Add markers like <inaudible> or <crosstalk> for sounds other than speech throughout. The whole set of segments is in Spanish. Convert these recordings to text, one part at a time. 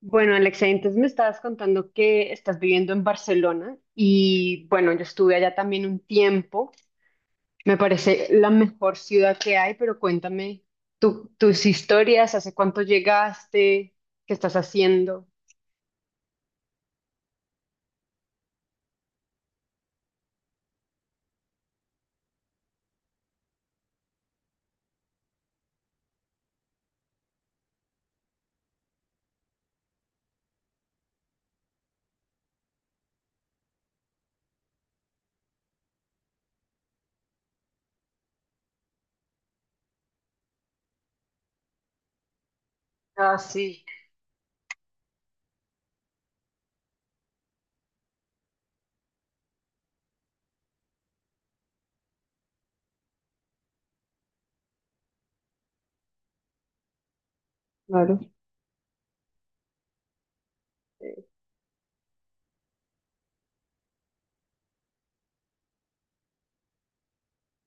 Bueno, Alexa, entonces me estabas contando que estás viviendo en Barcelona y bueno, yo estuve allá también un tiempo. Me parece la mejor ciudad que hay, pero cuéntame tus historias, hace cuánto llegaste, qué estás haciendo. Ah, sí, claro.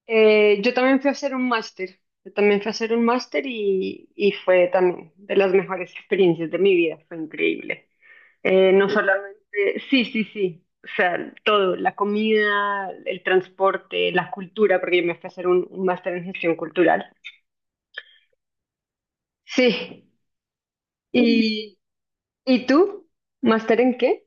Yo también fui a hacer un máster, yo también fui a hacer un máster y fue también de las mejores experiencias de mi vida, fue increíble. No solamente, sí, sí, sí, o sea, todo, la comida, el transporte, la cultura, porque yo me fui a hacer un máster en gestión cultural. Sí, ¿y, y tú? ¿Máster en qué?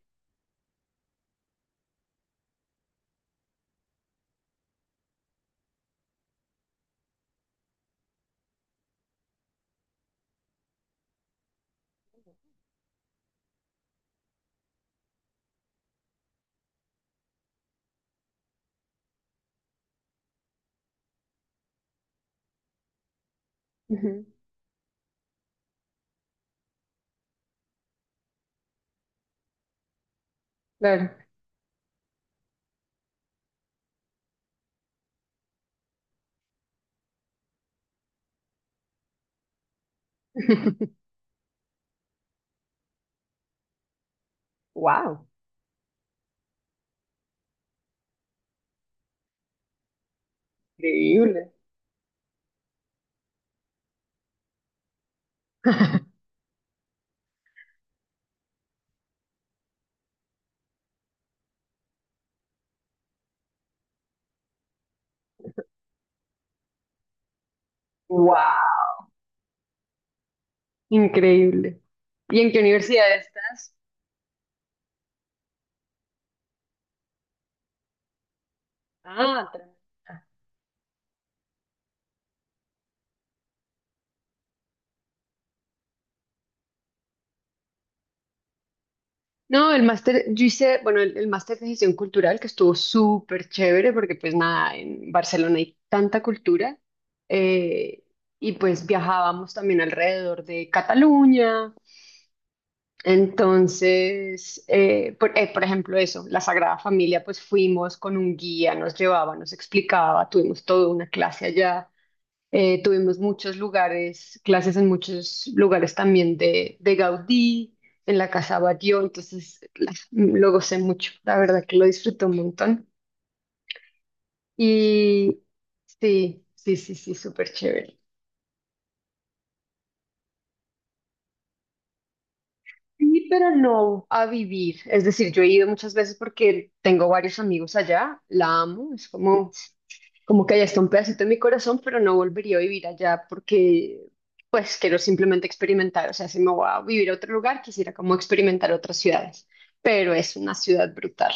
Ujú. Claro. <laughs> Wow, increíble. <laughs> Wow, increíble. ¿Y en qué universidad estás? Ah, tremendo. No, el máster, yo hice, bueno, el máster de gestión cultural que estuvo súper chévere porque pues nada, en Barcelona hay tanta cultura, eh, y pues viajábamos también alrededor de Cataluña. Entonces, por ejemplo, eso, la Sagrada Familia, pues fuimos con un guía, nos llevaba, nos explicaba, tuvimos toda una clase allá. Tuvimos muchos lugares, clases en muchos lugares también de Gaudí, en la Casa Batlló, entonces <laughs> lo gocé mucho, la verdad que lo disfruté un montón. Y sí, sí, sí, sí, súper chévere. Sí, pero no a vivir, es decir, yo he ido muchas veces porque tengo varios amigos allá, la amo, es como como que allá está un pedacito de mi corazón, pero no volvería a vivir allá porque pues quiero simplemente experimentar, o sea, si me voy a vivir a otro lugar, quisiera como experimentar otras ciudades, pero es una ciudad brutal.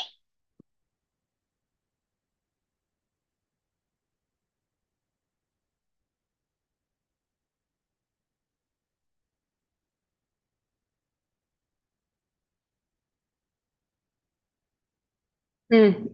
Mm,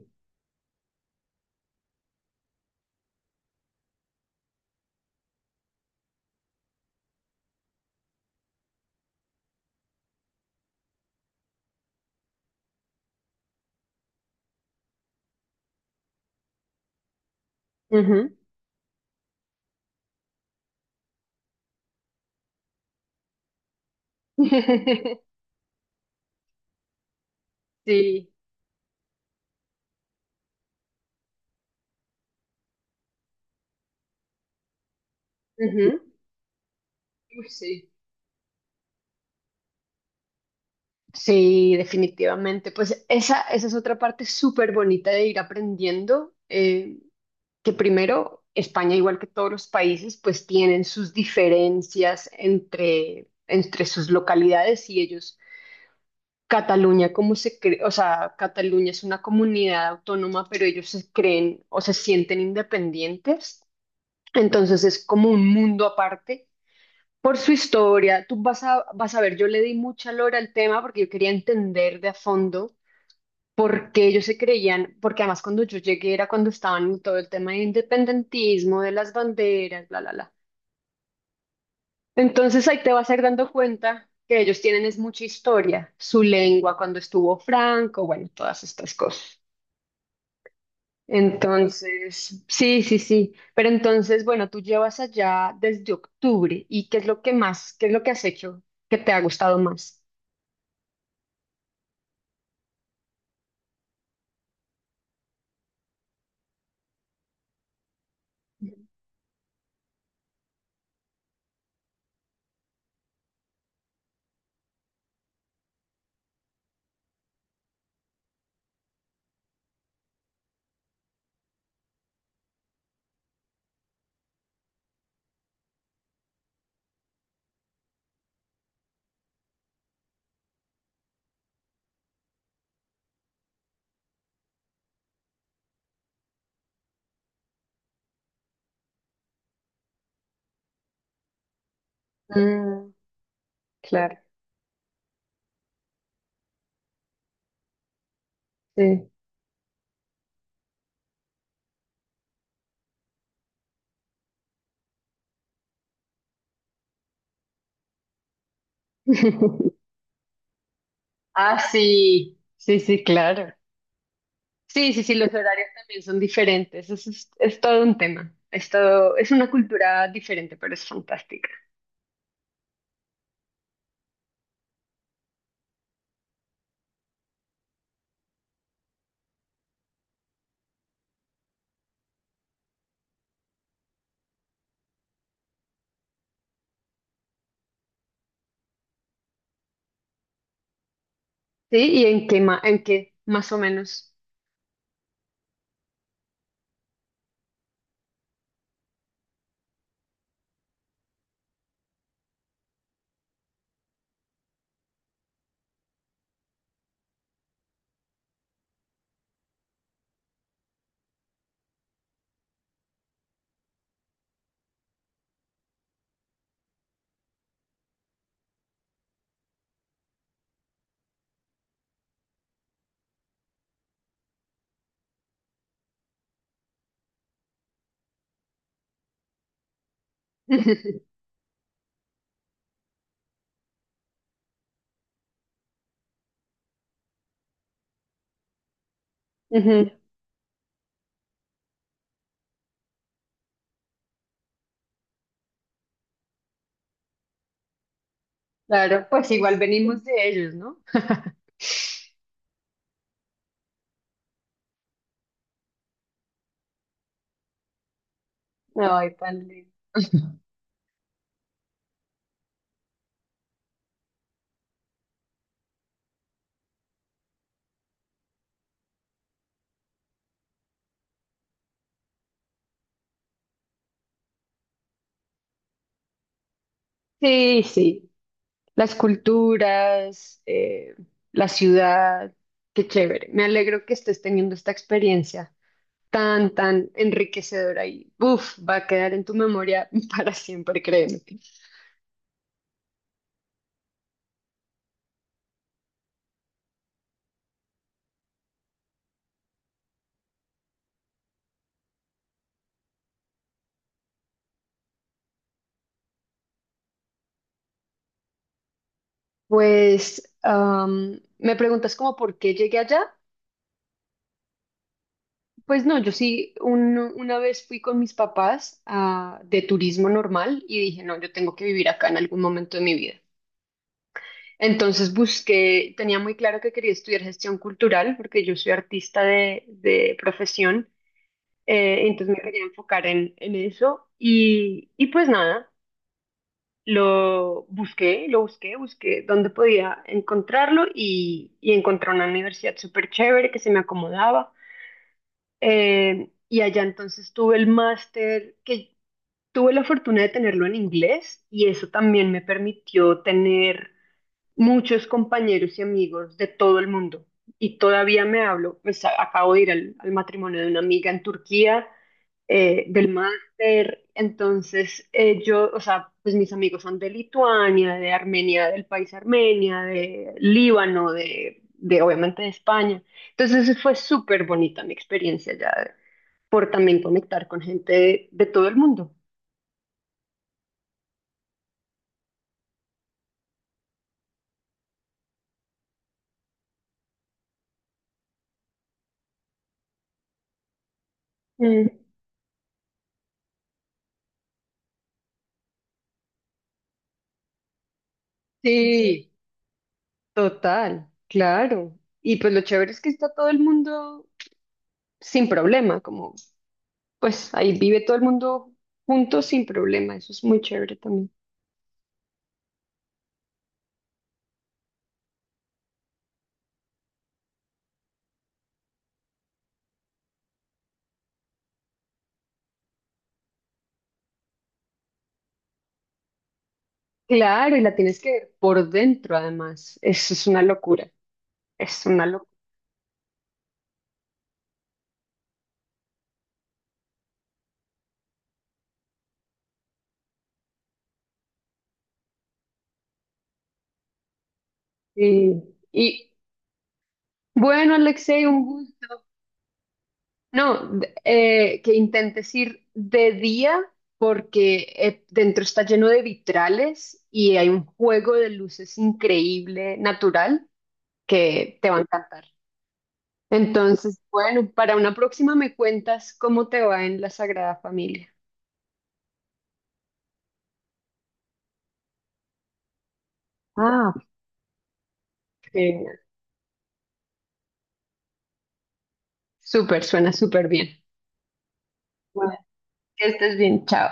ujú. <laughs> Sí, ujú. Uy, sí. Sí, definitivamente. Pues esa es otra parte súper bonita de ir aprendiendo. Que primero España, igual que todos los países, pues tienen sus diferencias entre, entre sus localidades y ellos, Cataluña como se cree, o sea, Cataluña es una comunidad autónoma, pero ellos se creen o se sienten independientes, entonces es como un mundo aparte. Por su historia, tú vas a, vas a ver, yo le di mucha lora al tema porque yo quería entender de a fondo porque ellos se creían, porque además cuando yo llegué era cuando estaban en todo el tema de independentismo, de las banderas, bla, bla, bla. Entonces ahí te vas a ir dando cuenta que ellos tienen es mucha historia, su lengua cuando estuvo Franco, bueno, todas estas cosas. Entonces, sí, sí, sí. Pero entonces, bueno, tú llevas allá desde octubre y ¿qué es lo que más, qué es lo que has hecho que te ha gustado más? Mm, claro. Sí. <laughs> Ah, sí, sí, sí, claro. Sí, sí, sí, los horarios también son diferentes. Eso es todo un tema. Es una cultura diferente, pero es fantástica. Sí, ¿y en qué, en qué más o menos? <laughs> Ujú. Claro, pues igual venimos de ellos, ¿no? Ay, tan lindo. Sí, sí, las culturas, la ciudad, qué chévere. Me alegro que estés teniendo esta experiencia tan, tan enriquecedora y, uf, va a quedar en tu memoria <laughs> para siempre, créeme. Pues me preguntas como por qué llegué allá. Pues no, yo sí, una vez fui con mis papás de turismo normal y dije, no, yo tengo que vivir acá en algún momento de mi vida. Entonces busqué, tenía muy claro que quería estudiar gestión cultural porque yo soy artista de profesión, entonces me quería enfocar en eso y pues nada. Lo busqué, busqué dónde podía encontrarlo y encontré una universidad súper chévere que se me acomodaba. Y allá entonces tuve el máster, que tuve la fortuna de tenerlo en inglés y eso también me permitió tener muchos compañeros y amigos de todo el mundo. Y todavía me hablo, pues acabo de ir al, al matrimonio de una amiga en Turquía, del máster. Entonces, yo, o sea, pues mis amigos son de Lituania, de Armenia, del país Armenia, de Líbano, de obviamente de España. Entonces, fue súper bonita mi experiencia ya por también conectar con gente de todo el mundo. Mm. Sí. Total, claro. Y pues lo chévere es que está todo el mundo sin problema, como pues ahí vive todo el mundo juntos sin problema, eso es muy chévere también. Claro, y la tienes que ver por dentro además, eso es una locura, es una locura. Sí. Y bueno, Alexei, un gusto. No, que intentes ir de día porque dentro está lleno de vitrales y hay un juego de luces increíble, natural, que te va a encantar. Entonces, bueno, para una próxima me cuentas cómo te va en la Sagrada Familia. Ah, genial. Súper, suena súper bien. Bueno, que estés bien, chao.